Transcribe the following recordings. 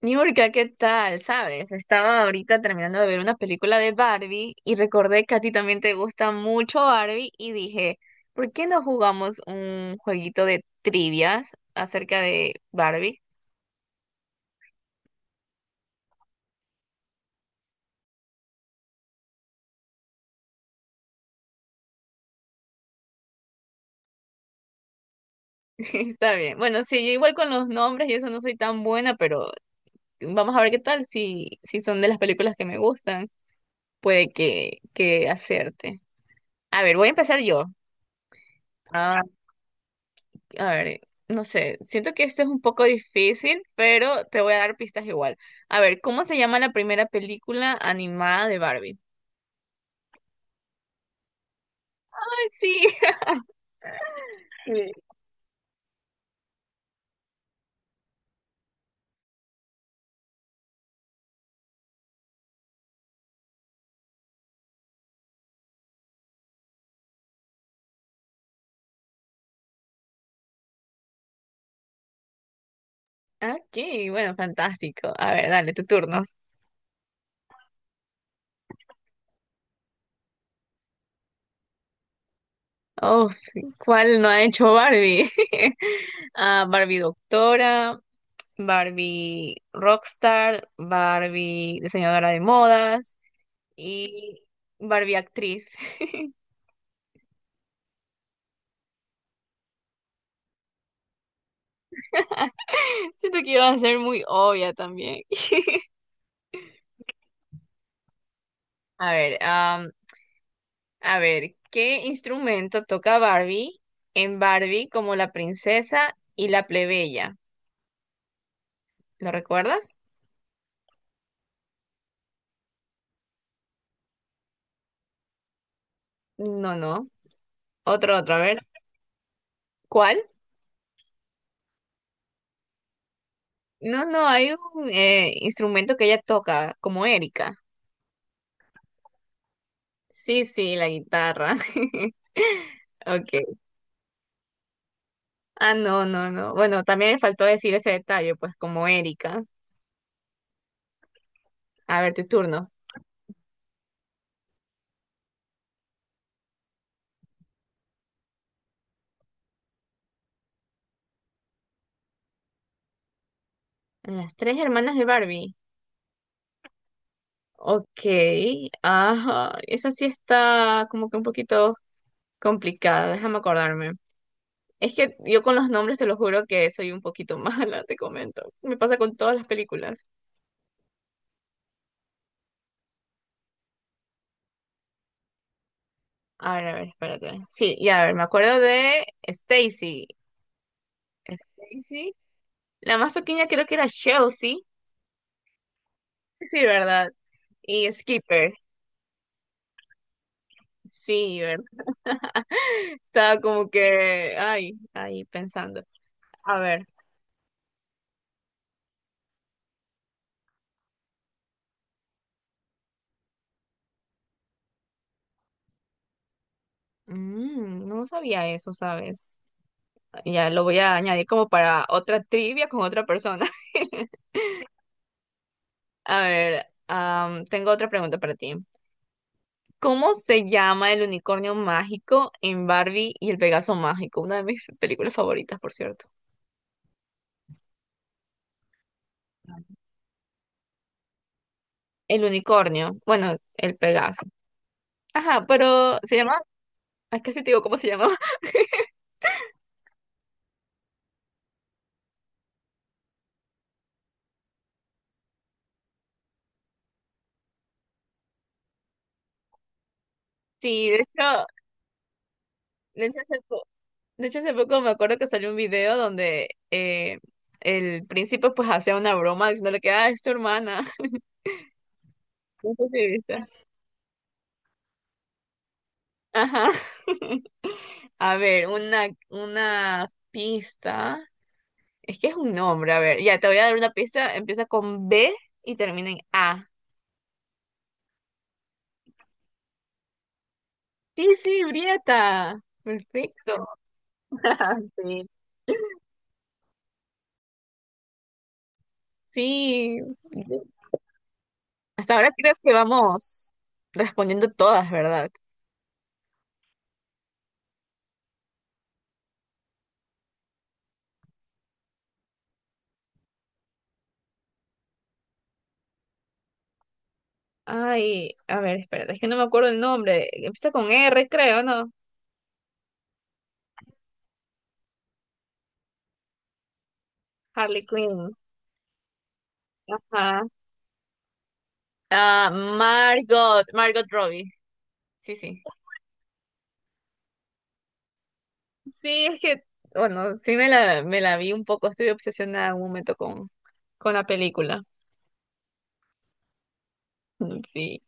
Niurka, ¿qué tal? ¿Sabes? Estaba ahorita terminando de ver una película de Barbie y recordé que a ti también te gusta mucho Barbie y dije, ¿por qué no jugamos un jueguito de trivias acerca de Barbie? Está bien. Bueno, sí, yo igual con los nombres y eso no soy tan buena, pero vamos a ver qué tal si son de las películas que me gustan. Puede que hacerte. A ver, voy a empezar yo. A ver, no sé, siento que esto es un poco difícil, pero te voy a dar pistas igual. A ver, ¿cómo se llama la primera película animada de Barbie? Ay, sí. Sí. Aquí, bueno, fantástico. A ver, dale, tu turno. Oh, sí. ¿Cuál no ha hecho Barbie? Ah, Barbie doctora, Barbie rockstar, Barbie diseñadora de modas y Barbie actriz. Siento que iba a ser muy obvia también. A ver, a ver, ¿qué instrumento toca Barbie en Barbie como la princesa y la plebeya? ¿Lo recuerdas? No, no. Otro, a ver. ¿Cuál? No, no, hay un instrumento que ella toca, como Erika. Sí, sí, la guitarra. Okay. Ah, no, no, no. Bueno, también me faltó decir ese detalle, pues como Erika. A ver, tu turno. Las 3 hermanas de Barbie. Ok, ajá. Esa sí está como que un poquito complicada, déjame acordarme. Es que yo con los nombres te lo juro que soy un poquito mala, te comento. Me pasa con todas las películas. A ver, espérate. Sí, ya, a ver, me acuerdo de Stacy. Stacy. La más pequeña creo que era Chelsea. Sí, ¿verdad? Y Skipper. Sí, ¿verdad? Estaba como que, ay, ahí pensando. A ver, mm, no sabía eso, ¿sabes? Ya lo voy a añadir como para otra trivia con otra persona. A ver, tengo otra pregunta para ti. ¿Cómo se llama el unicornio mágico en Barbie y el Pegaso mágico? Una de mis películas favoritas, por cierto. El unicornio, bueno, el Pegaso. Ajá, pero se llama, ah, casi te digo cómo se llama. Sí, de hecho, de hecho hace po- de hecho, hace poco me acuerdo que salió un video donde el príncipe pues hacía una broma diciéndole que, ah, es tu hermana. No sé si viste. Ajá. A ver, una pista. Es que es un nombre, a ver. Ya, te voy a dar una pista. Empieza con B y termina en A. Tilti Brieta. Perfecto. Sí. Sí. Hasta ahora creo que vamos respondiendo todas, ¿verdad? Ay, a ver, espérate, es que no me acuerdo el nombre. Empieza con R, creo, ¿no? Harley Quinn. Ajá. Ah, Margot, Margot Robbie. Sí, sí. Sí, es que, bueno, sí me la vi un poco. Estuve obsesionada en un momento con la película. Sí.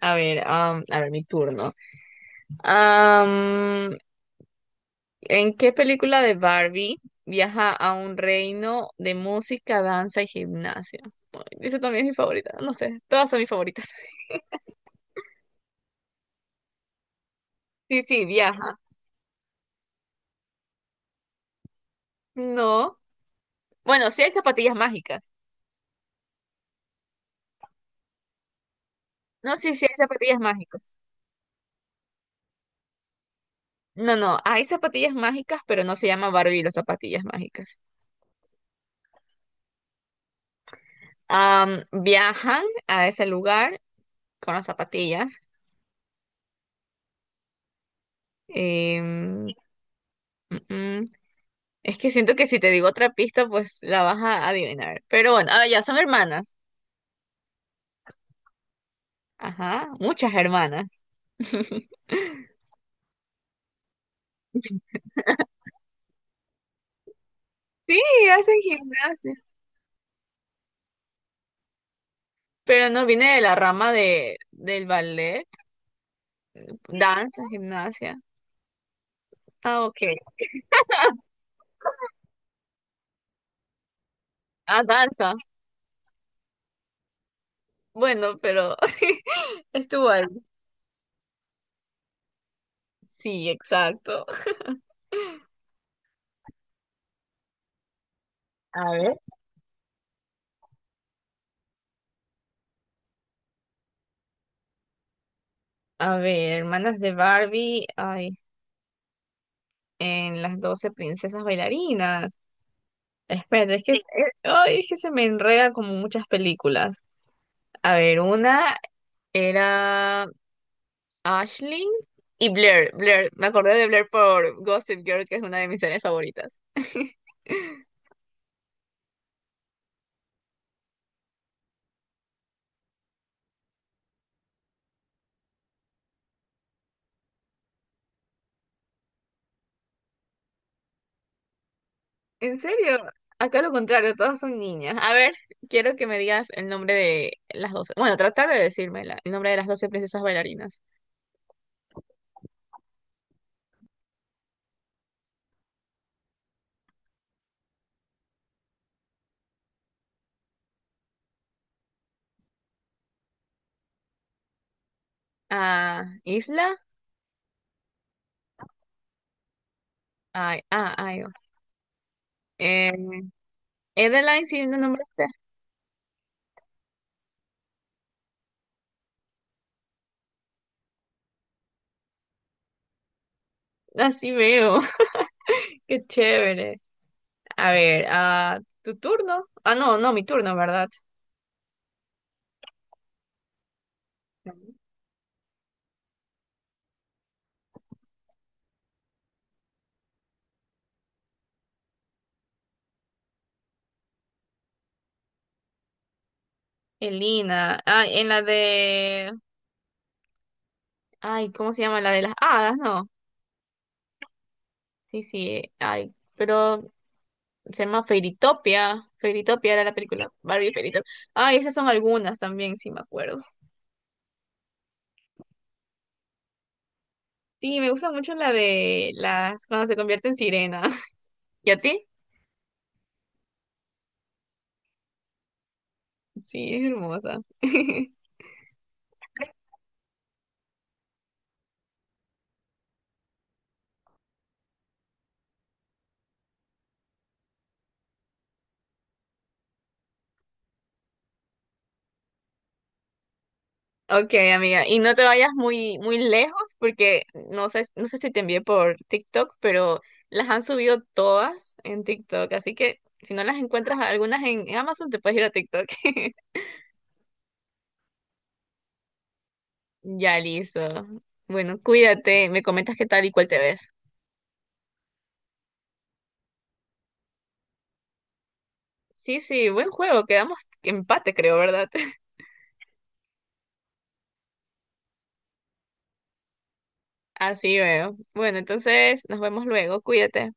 A ver, a ver, mi turno. Am, ¿En qué película de Barbie viaja a un reino de música, danza y gimnasia? Ay, esa también es mi favorita. No sé, todas son mis favoritas. Sí, sí, viaja. No. Bueno, sí hay zapatillas mágicas. No, sí, sí hay zapatillas mágicas. No, no, hay zapatillas mágicas, pero no se llama Barbie y las zapatillas mágicas. Viajan a ese lugar con las zapatillas. Eh, Es que siento que si te digo otra pista, pues la vas a adivinar. Pero bueno, ah, ya son hermanas. Ajá, muchas hermanas. Sí, hacen gimnasia. Pero no viene de la rama del ballet, danza, gimnasia. Ah, ok. Ah, danza. Bueno, pero estuvo ahí. Sí, exacto. A ver. A ver, hermanas de Barbie. Ay, en las 12 princesas bailarinas. Espera, es que, ay, es que se me enreda como muchas películas. A ver, una era Ashley y Blair. Blair, me acordé de Blair por Gossip Girl, que es una de mis series favoritas. ¿En serio? Acá lo contrario, todas son niñas. A ver, quiero que me digas el nombre de las 12. Bueno, tratar de decirme el nombre de las 12 princesas bailarinas. Ah, Isla. Ay, ah, ay. Oh. Eh, Edeline, sí, no nombraste. Así veo. Qué chévere. A ver, ah, tu turno. Ah, no, no, mi turno, ¿verdad? Elina. Ah, en la de. Ay, ¿cómo se llama? La de las hadas, ¿no? Sí, sí. Ay, pero se llama Fairytopia. Fairytopia era la película. Barbie Fairytopia. Ay, esas son algunas también, sí me acuerdo. Sí, me gusta mucho la de las. Cuando se convierte en sirena. ¿Y a ti? Sí, es hermosa. Ok, amiga, y no te vayas muy, muy lejos porque no sé, no sé si te envié por TikTok, pero las han subido todas en TikTok, así que si no las encuentras algunas en Amazon, te puedes ir a TikTok. Ya listo. Bueno, cuídate, me comentas qué tal y cuál te ves. Sí, sí, buen juego, quedamos empate, creo, ¿verdad? Así veo. Bueno, entonces nos vemos luego, cuídate.